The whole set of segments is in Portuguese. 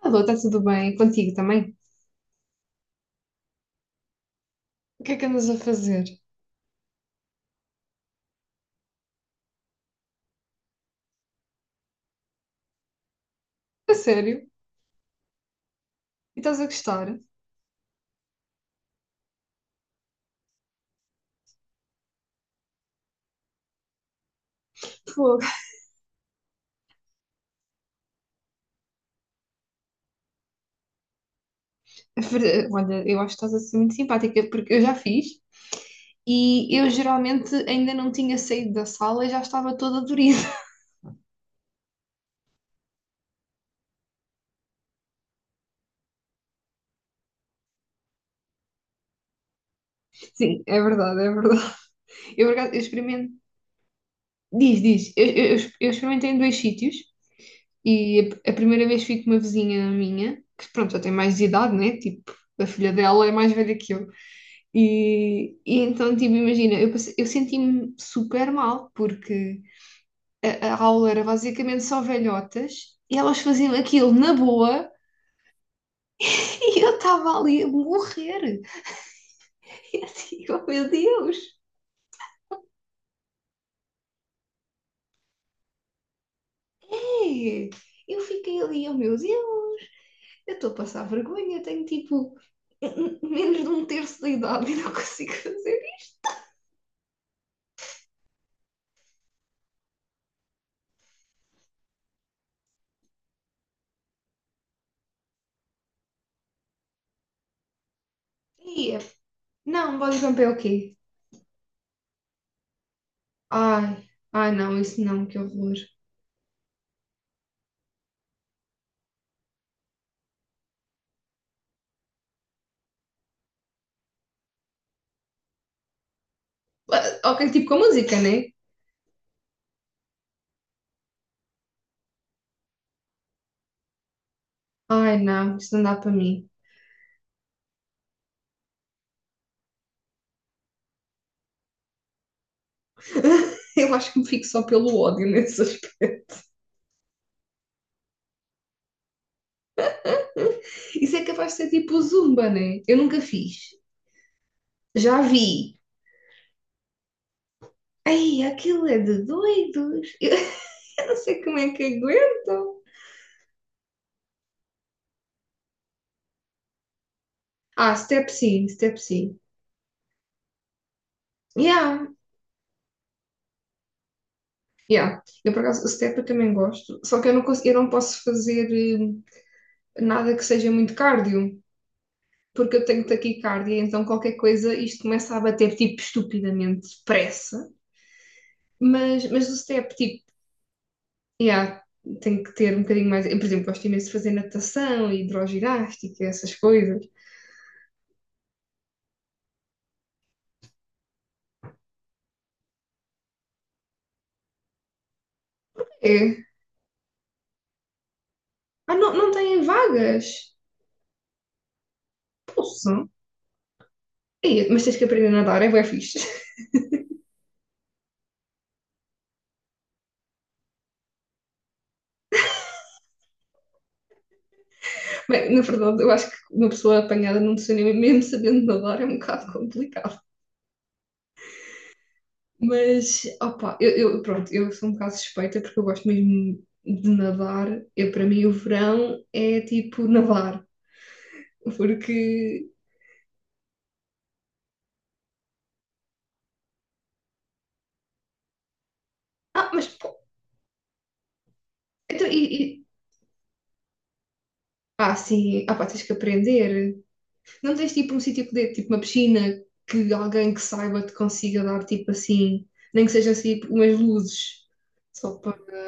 Alô, está tudo bem? Contigo também? O que é que andas a fazer? A sério? E estás a gostar? Fogo. Olha, eu acho que estás a ser muito simpática, porque eu já fiz e eu geralmente ainda não tinha saído da sala e já estava toda dorida. Sim, é verdade, é verdade. Eu, por acaso, eu experimentei. Diz, diz. Eu experimentei em dois sítios e a primeira vez fui com uma vizinha minha, que pronto, já tem mais de idade, né? Tipo, a filha dela é mais velha que eu. E então, tipo, imagina, eu senti-me super mal, porque a aula era basicamente só velhotas e elas faziam aquilo na boa e eu estava ali a morrer. E assim, oh meu Deus! É. Eu fiquei ali, oh meu Deus! Eu estou a passar vergonha, tenho tipo menos de um terço da idade e não consigo fazer isso. Não, bodybump é o quê? Ai, ai não, isso não, que horror. Ah, ok, tipo com música, né? Ai não, isso não dá para mim. Eu acho que me fico só pelo ódio nesse. Isso é capaz de ser tipo o Zumba, né? Eu nunca fiz. Já vi. Ai, aquilo é de doidos. Eu não sei como é que aguentam. Ah, step sim, step sim. Yeah. Yeah. Eu, por acaso, step eu também gosto, só que eu não posso fazer nada que seja muito cardio, porque eu tenho taquicardia, então qualquer coisa isto começa a bater, tipo, estupidamente depressa. Mas o step, tipo, yeah, tem que ter um bocadinho mais. Eu, por exemplo, gosto imenso de fazer natação, hidroginástica, essas coisas. É. Ah, não, não têm vagas? Poxa. Ei, mas tens que aprender a nadar, é bué fixe. Bem, na verdade, eu acho que uma pessoa apanhada num tsunami, mesmo sabendo nadar, é um bocado complicado. Mas, opa, pronto, eu sou um bocado suspeita porque eu gosto mesmo de nadar. Eu, para mim, o verão é tipo nadar. Porque. Ah, mas pô, então, ah, sim, ah, pá, tens que aprender. Não tens tipo um sítio que dê, tipo uma piscina que alguém que saiba te consiga dar tipo assim, nem que seja assim tipo, umas luzes. Só para.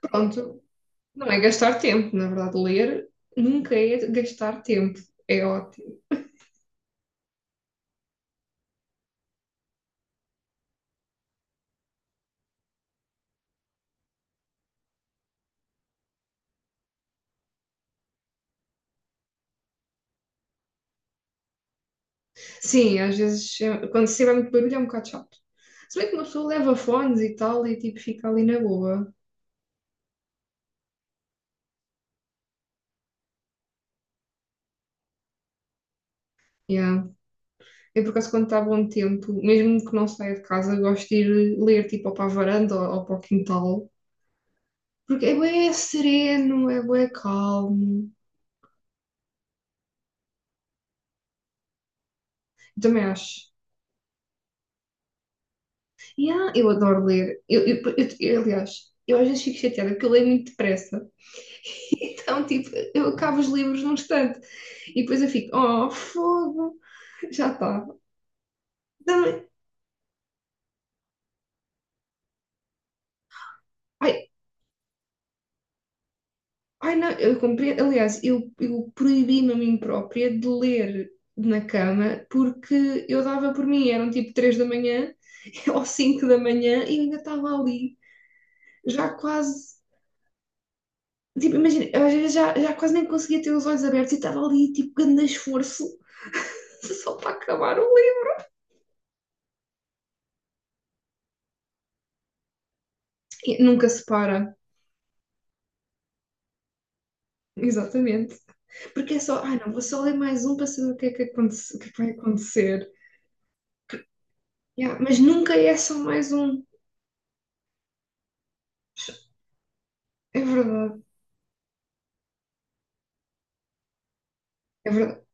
Pronto, não é gastar tempo, na verdade, ler nunca é gastar tempo. É ótimo. Sim, às vezes, é- quando se tiver muito barulho é um bocado chato. Se bem que uma pessoa leva fones e tal e tipo fica ali na boa. Yeah. Eu por acaso quando está bom tempo, mesmo que não saia de casa, gosto de ir ler tipo ou para a varanda ou para o quintal. Porque é bué sereno, é bué calmo. Eu também acho. Yeah, eu adoro ler. Aliás, eu às vezes fico chateada porque eu leio muito depressa. Então, tipo, eu acabo os livros num instante. E depois eu fico, oh, fogo, já está. Também- Ai, ai, não, eu compreendo. Aliás, eu proibi-me a mim própria de ler na cama porque eu dava por mim, eram tipo 3 da manhã ou 5 da manhã e eu ainda estava ali, já quase. Tipo, imagina, eu às vezes já quase nem conseguia ter os olhos abertos e estava ali, tipo, grande esforço, só para acabar o livro. E nunca se para. Exatamente. Porque é só, ah não, vou só ler mais um para saber o que é que, aconte- o que é que vai acontecer. Yeah, mas nunca é só mais um. É verdade, é verdade.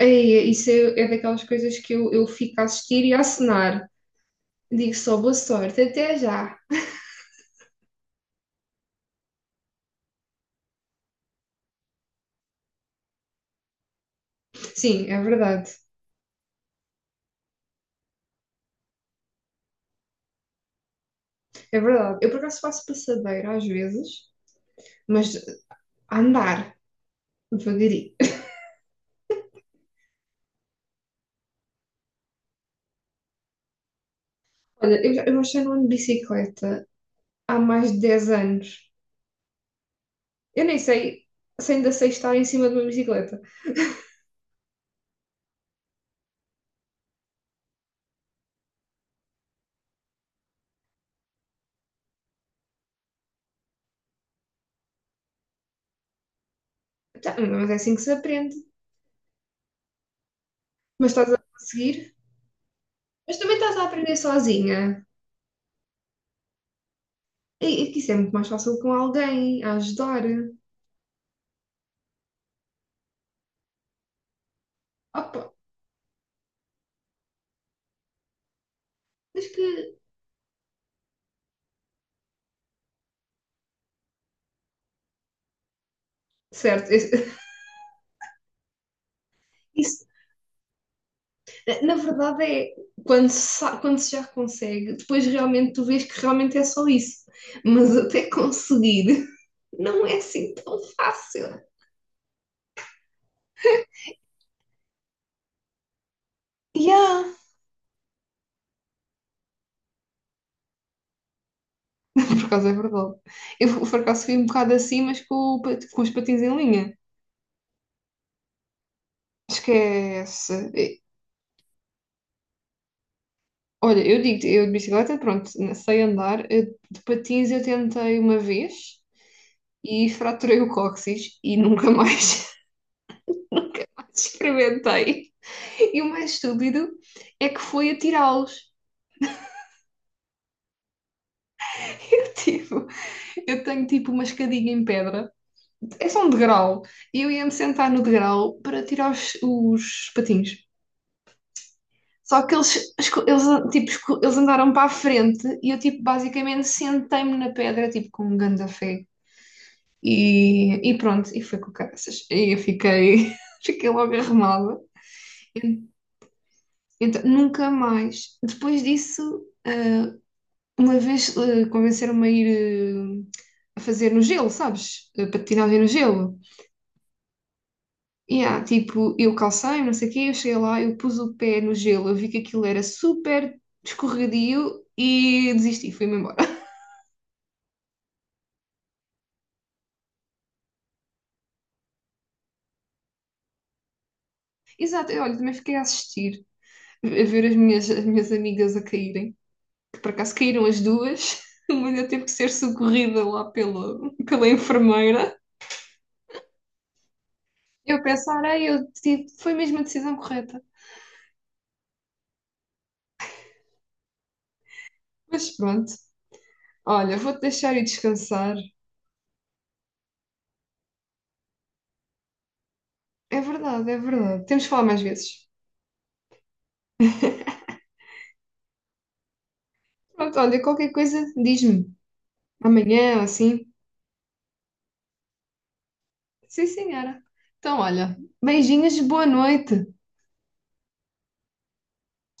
Ei, isso é, é daquelas coisas que eu fico a assistir e a assinar. Digo só boa sorte, até já. Sim, é verdade, é verdade. Eu por acaso faço passadeira às vezes, mas a andar, devagarinho. Olha, eu acho que já não ando de bicicleta há mais de 10 anos. Eu nem sei se ainda sei estar em cima de uma bicicleta. Tá, mas é assim que se aprende. Mas estás a conseguir. Mas também estás a aprender sozinha. E que isso é muito mais fácil com alguém a ajudar. Opa, mas que. Certo, isso, na verdade é quando se, quando se já consegue, depois realmente tu vês que realmente é só isso. Mas até conseguir não é assim tão fácil. Yeah. Por acaso é verdade. Eu por acaso fui um bocado assim, mas com os patins em linha. Esquece. Olha, eu digo, eu de bicicleta, pronto, sei andar. De patins eu tentei uma vez e fraturei o cóccix e nunca mais experimentei. E o mais estúpido é que foi atirá-los. Eu, tipo, eu tenho tipo uma escadinha em pedra, é só um degrau, e eu ia-me sentar no degrau para tirar os patins. Só que eles, esco- eles, tipo, esco- eles andaram para a frente e eu, tipo, basicamente sentei-me na pedra, tipo, com um ganda fé. E pronto, e foi com caraças. E eu fiquei, fiquei logo arrumada. Então, nunca mais. Depois disso, uma vez convenceram-me a ir eh, a fazer no gelo, sabes? Patinagem no gelo. E tipo, eu calcei, não sei o quê, eu cheguei lá, eu pus o pé no gelo, eu vi que aquilo era super escorregadio e desisti, fui-me embora. Exato, eu, olha, também fiquei a assistir, a ver as minhas amigas a caírem. Que por acaso caíram as duas, mas eu tive que ser socorrida lá pela enfermeira. Eu pensar, ai, eu tive, foi mesmo a decisão correta. Mas pronto, olha, vou-te deixar e descansar. É verdade, é verdade. Temos de falar mais vezes. Pronto, olha, qualquer coisa, diz-me. Amanhã, assim. Sim, senhora. Então, olha, beijinhos, boa noite.